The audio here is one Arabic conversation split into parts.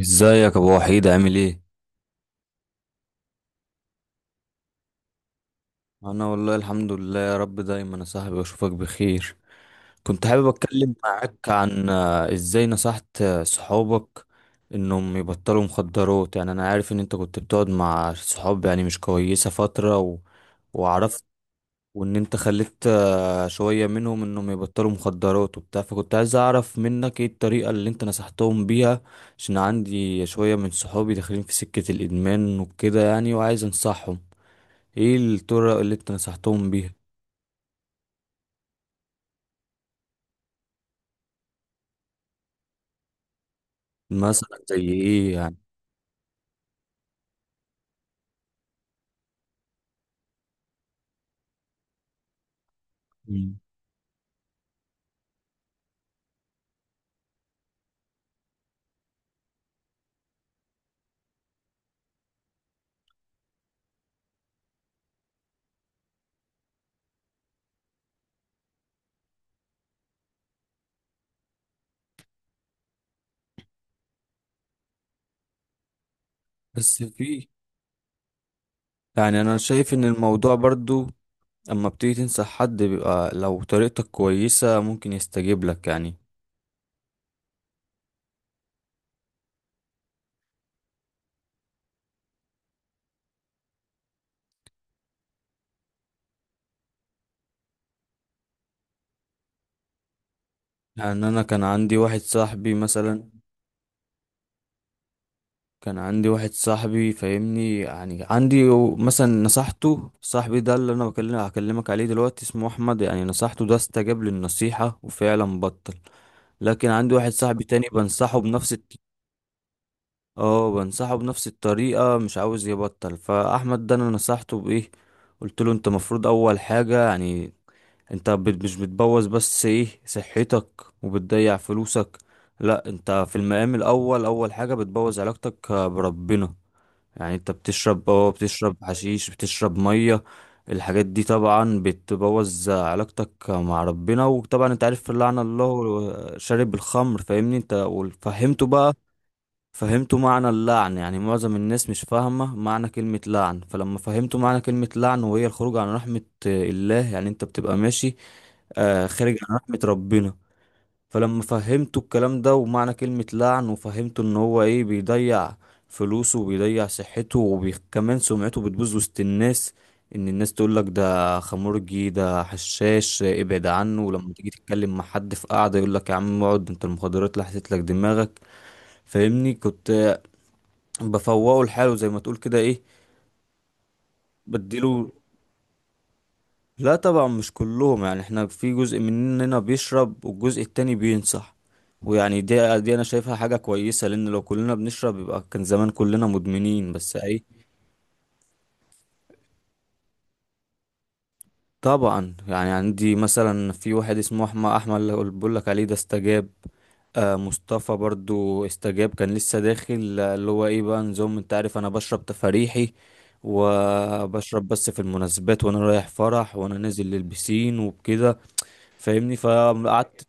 ازيك يا ابو وحيد؟ عامل ايه؟ انا والله الحمد لله، يا رب دايما يا صاحبي اشوفك بخير. كنت حابب اتكلم معاك عن ازاي نصحت صحابك انهم يبطلوا مخدرات. يعني انا عارف ان انت كنت بتقعد مع صحاب يعني مش كويسة فترة وعرفت وان انت خليت شوية منهم انهم يبطلوا مخدرات وبتاع. فكنت عايز اعرف منك ايه الطريقة اللي انت نصحتهم بيها، عشان عندي شوية من صحابي داخلين في سكة الادمان وكده يعني، وعايز انصحهم ايه الطرق اللي انت نصحتهم بيها. مثلا زي ايه يعني؟ مم. بس في يعني انا شايف ان الموضوع برضو اما بتيجي تنصح حد بيبقى، لو طريقتك كويسة ممكن يستجيب لك يعني. يعني انا كان عندي واحد صاحبي مثلا، كان عندي واحد صاحبي فاهمني، يعني عندي مثلا نصحته. صاحبي ده اللي انا هكلمك عليه دلوقتي اسمه احمد، يعني نصحته ده استجاب للنصيحة وفعلا بطل. لكن عندي واحد صاحبي تاني بنصحه بنفس الطريقة، مش عاوز يبطل. فأحمد ده أنا نصحته بإيه؟ قلت له أنت مفروض أول حاجة، يعني أنت مش بتبوظ بس إيه صحتك وبتضيع فلوسك. لأ، أنت في المقام الأول أول حاجة بتبوظ علاقتك بربنا. يعني أنت بتشرب حشيش، بتشرب مية. الحاجات دي طبعا بتبوظ علاقتك مع ربنا، وطبعا انت عارف لعن الله شارب الخمر، فاهمني انت؟ وفهمته بقى، فهمت معنى اللعن. يعني معظم الناس مش فاهمة معنى كلمة لعن، فلما فهمتوا معنى كلمة لعن وهي الخروج عن رحمة الله، يعني انت بتبقى ماشي خارج عن رحمة ربنا. فلما فهمتوا الكلام ده ومعنى كلمة لعن، وفهمتوا ان هو ايه بيضيع فلوسه وبيضيع صحته، وكمان سمعته بتبوظ وسط الناس، ان الناس تقولك ده خمرجي، ده حشاش، ابعد عنه. ولما تيجي تتكلم مع حد في قعدة يقولك يا عم اقعد انت، المخدرات لحست لك دماغك. فاهمني؟ كنت بفوقه لحاله زي ما تقول كده، ايه بديله. لا طبعا مش كلهم، يعني احنا في جزء مننا بيشرب والجزء التاني بينصح. ويعني دي انا شايفها حاجة كويسة، لان لو كلنا بنشرب يبقى كان زمان كلنا مدمنين، بس ايه. طبعا، يعني عندي مثلا في واحد اسمه احمد اللي بقول لك عليه، ده استجاب. مصطفى برضو استجاب، كان لسه داخل، اللي هو ايه بقى نظام انت عارف، انا بشرب تفاريحي، وبشرب بس في المناسبات، وانا رايح فرح، وانا نازل للبسين وبكده. فاهمني؟ فقعدت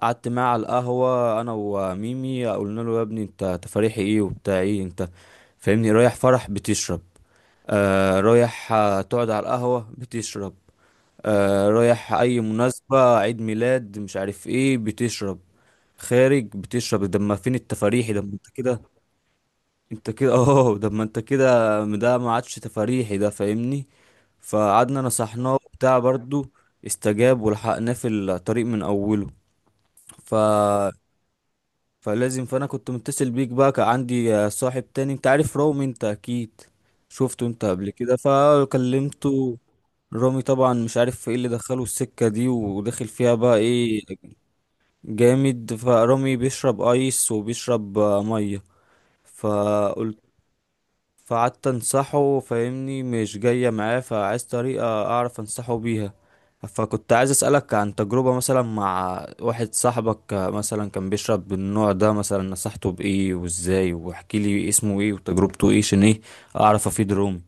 قعدت معاه على القهوة انا وميمي، قلنا له يا ابني انت تفاريحي ايه وبتاع، ايه انت فاهمني رايح فرح بتشرب، رايح تقعد على القهوة بتشرب، رايح اي مناسبة، عيد ميلاد مش عارف ايه بتشرب، خارج بتشرب. ده ما فين التفاريحي ده، ما انت كده، انت كده ده ما انت كده، ده ما عادش تفاريحي ده فاهمني. فقعدنا نصحناه وبتاع، برضو استجاب ولحقناه في الطريق من اوله. ف فلازم. فانا كنت متصل بيك بقى، كان عندي صاحب تاني، انت عارف رامي، انت اكيد شفته انت قبل كده. فكلمته، رامي طبعا مش عارف ايه اللي دخله السكة دي، وداخل فيها بقى ايه جامد. فرامي بيشرب ايس وبيشرب مية. فقلت فقعدت انصحه فاهمني مش جاية معاه، فعايز طريقة اعرف انصحه بيها. فكنت عايز اسألك عن تجربة مثلا مع واحد صاحبك مثلا كان بيشرب بالنوع ده مثلا، نصحته بايه وازاي، واحكي لي اسمه ايه وتجربته ايه، عشان ايه اعرف افيد رومي.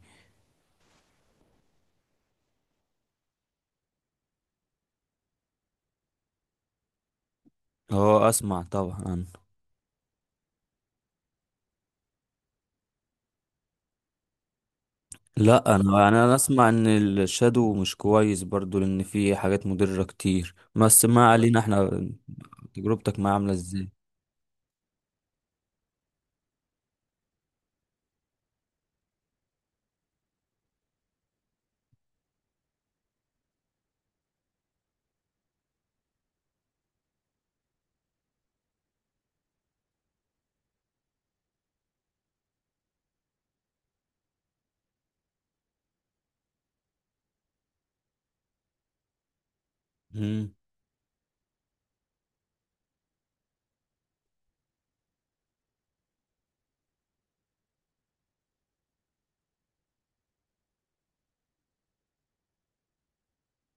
اه، اسمع طبعا عنه. لا، انا اسمع ان الشادو مش كويس برضو، لان فيه حاجات مضرة كتير، بس ما علينا احنا. تجربتك معاه عاملة ازاي؟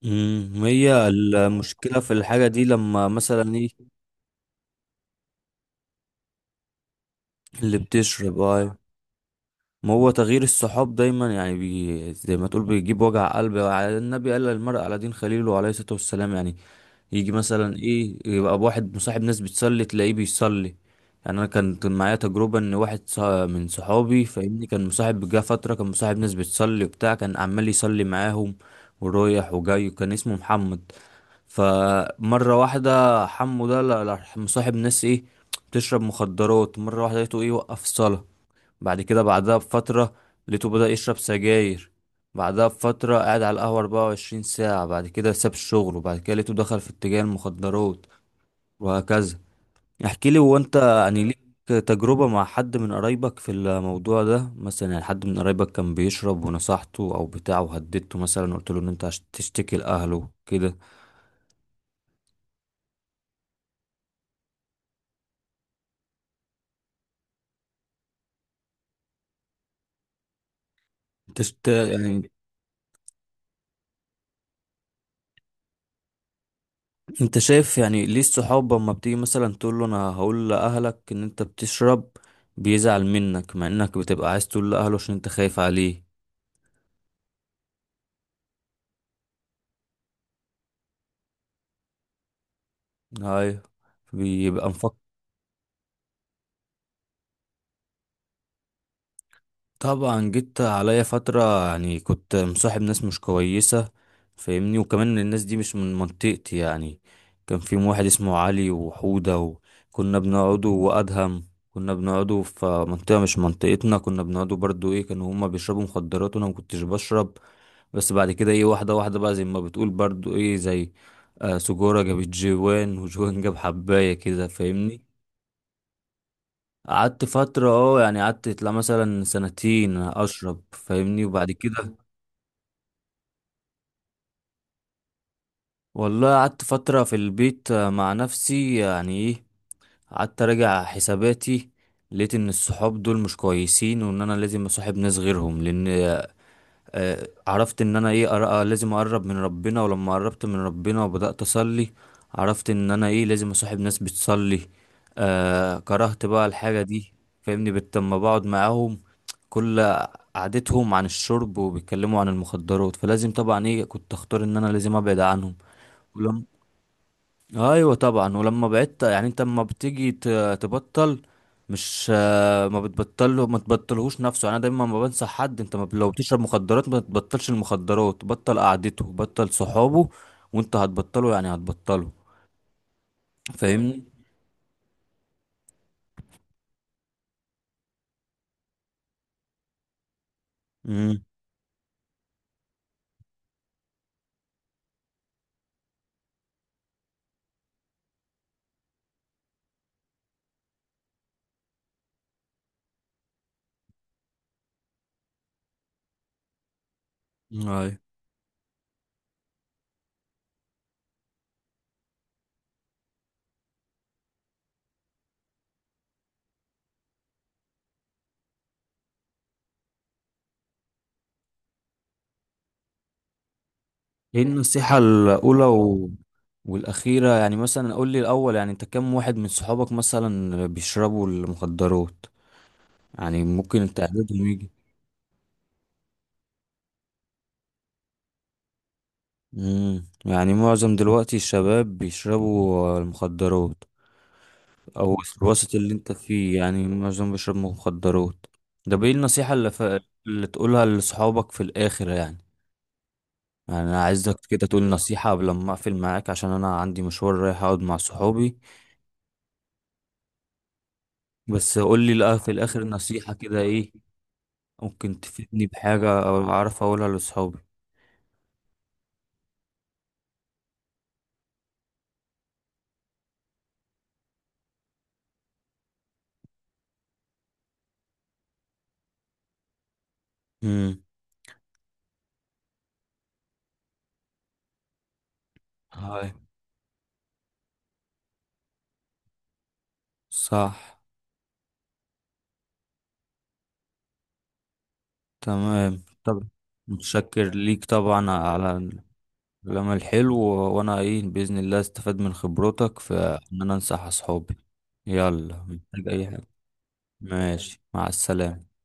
هي المشكلة في الحاجة دي لما مثلا ايه. اللي بتشرب، اه. ما هو تغيير الصحاب دايما يعني زي ما تقول بيجيب وجع قلب، على النبي، قال المرء على دين خليله عليه الصلاة والسلام يعني. يجي مثلا ايه، يبقى واحد مصاحب ناس بتصلي تلاقيه بيصلي. يعني انا كان معايا تجربة ان واحد من صحابي فاهمني، كان مصاحب جه فترة، كان مصاحب ناس بتصلي وبتاع، كان عمال يصلي معاهم ورايح وجاي، وكان اسمه محمد. فمرة واحدة حمو ده لا، مصاحب ناس ايه، بتشرب مخدرات. مرة واحدة لقيته ايه وقف صلاة، بعدها بفترة لقيته بدأ يشرب سجاير، بعدها بفترة قاعد على القهوة 24 ساعة، بعد كده ساب الشغل، وبعد كده لقيته دخل في اتجاه المخدرات وهكذا. احكي لي، هو انت يعني ليك تجربة مع حد من قرايبك في الموضوع ده مثلا؟ يعني حد من قرايبك كان بيشرب ونصحته او بتاعه، وهددته مثلا، قلت له ان انت هتشتكي لأهله كده. يعني انت شايف يعني ليه الصحاب اما بتيجي مثلا تقول له انا هقول لاهلك ان انت بتشرب بيزعل منك، مع انك بتبقى عايز تقول لاهله عشان انت خايف عليه. ايوه، بيبقى مفكر. طبعا جيت عليا فترة يعني كنت مصاحب ناس مش كويسة فاهمني، وكمان الناس دي مش من منطقتي يعني. كان في واحد اسمه علي وحودة، وكنا بنقعدوا وادهم. كنا بنقعدوا في منطقة مش منطقتنا، كنا بنقعدوا برضو ايه، كانوا هما بيشربوا مخدرات وانا ما كنتش بشرب. بس بعد كده ايه، واحدة واحدة بقى زي ما بتقول برضو، ايه زي سجورة جابت جوان وجوان جاب حباية كده فاهمني. قعدت فترة يعني قعدت، لا مثلا سنتين أشرب فاهمني، وبعد كده والله قعدت فترة في البيت، مع نفسي يعني ايه، قعدت أراجع حساباتي. لقيت إن الصحاب دول مش كويسين، وإن أنا لازم أصاحب ناس غيرهم، لأن عرفت ان انا ايه لازم اقرب من ربنا. ولما قربت من ربنا وبدأت اصلي عرفت ان انا ايه لازم اصاحب ناس بتصلي. كرهت بقى الحاجة دي فاهمني. لما بقعد معاهم كل قعدتهم عن الشرب وبيتكلموا عن المخدرات، فلازم طبعا ايه كنت اختار ان انا لازم ابعد عنهم. ولما ايوه طبعا. ولما بعدت يعني، انت لما بتيجي تبطل مش، ما بتبطله، ما تبطلهوش نفسه. انا دايما ما بنصح حد انت، ما لو بتشرب مخدرات ما تبطلش المخدرات، بطل قعدته، بطل صحابه، وانت هتبطله يعني هتبطله فاهمني. امم ايوه. ايه النصيحة الاولى والاخيرة يعني، مثلا قول لي الاول يعني، انت كم واحد من صحابك مثلا بيشربوا المخدرات، يعني ممكن انت عددهم يجي. يعني معظم دلوقتي الشباب بيشربوا المخدرات؟ او الوسط اللي انت فيه يعني معظم بيشرب مخدرات؟ ده بايه النصيحة اللي، اللي تقولها لصحابك في الاخر يعني؟ يعني انا عايزك كده تقول نصيحة قبل ما اقفل معاك، عشان انا عندي مشوار رايح اقعد مع صحابي. بس قول لي، لأ، في الاخر نصيحة كده ايه ممكن تفيدني بحاجة او اعرف اقولها لصحابي. امم. هاي. صح. تمام. طب، متشكر ليك طبعا على كلام الحلو، وانا ايه باذن الله استفاد من خبرتك في ان انا انصح اصحابي. يلا، محتاج اي حاجه؟ ماشي، مع السلامه.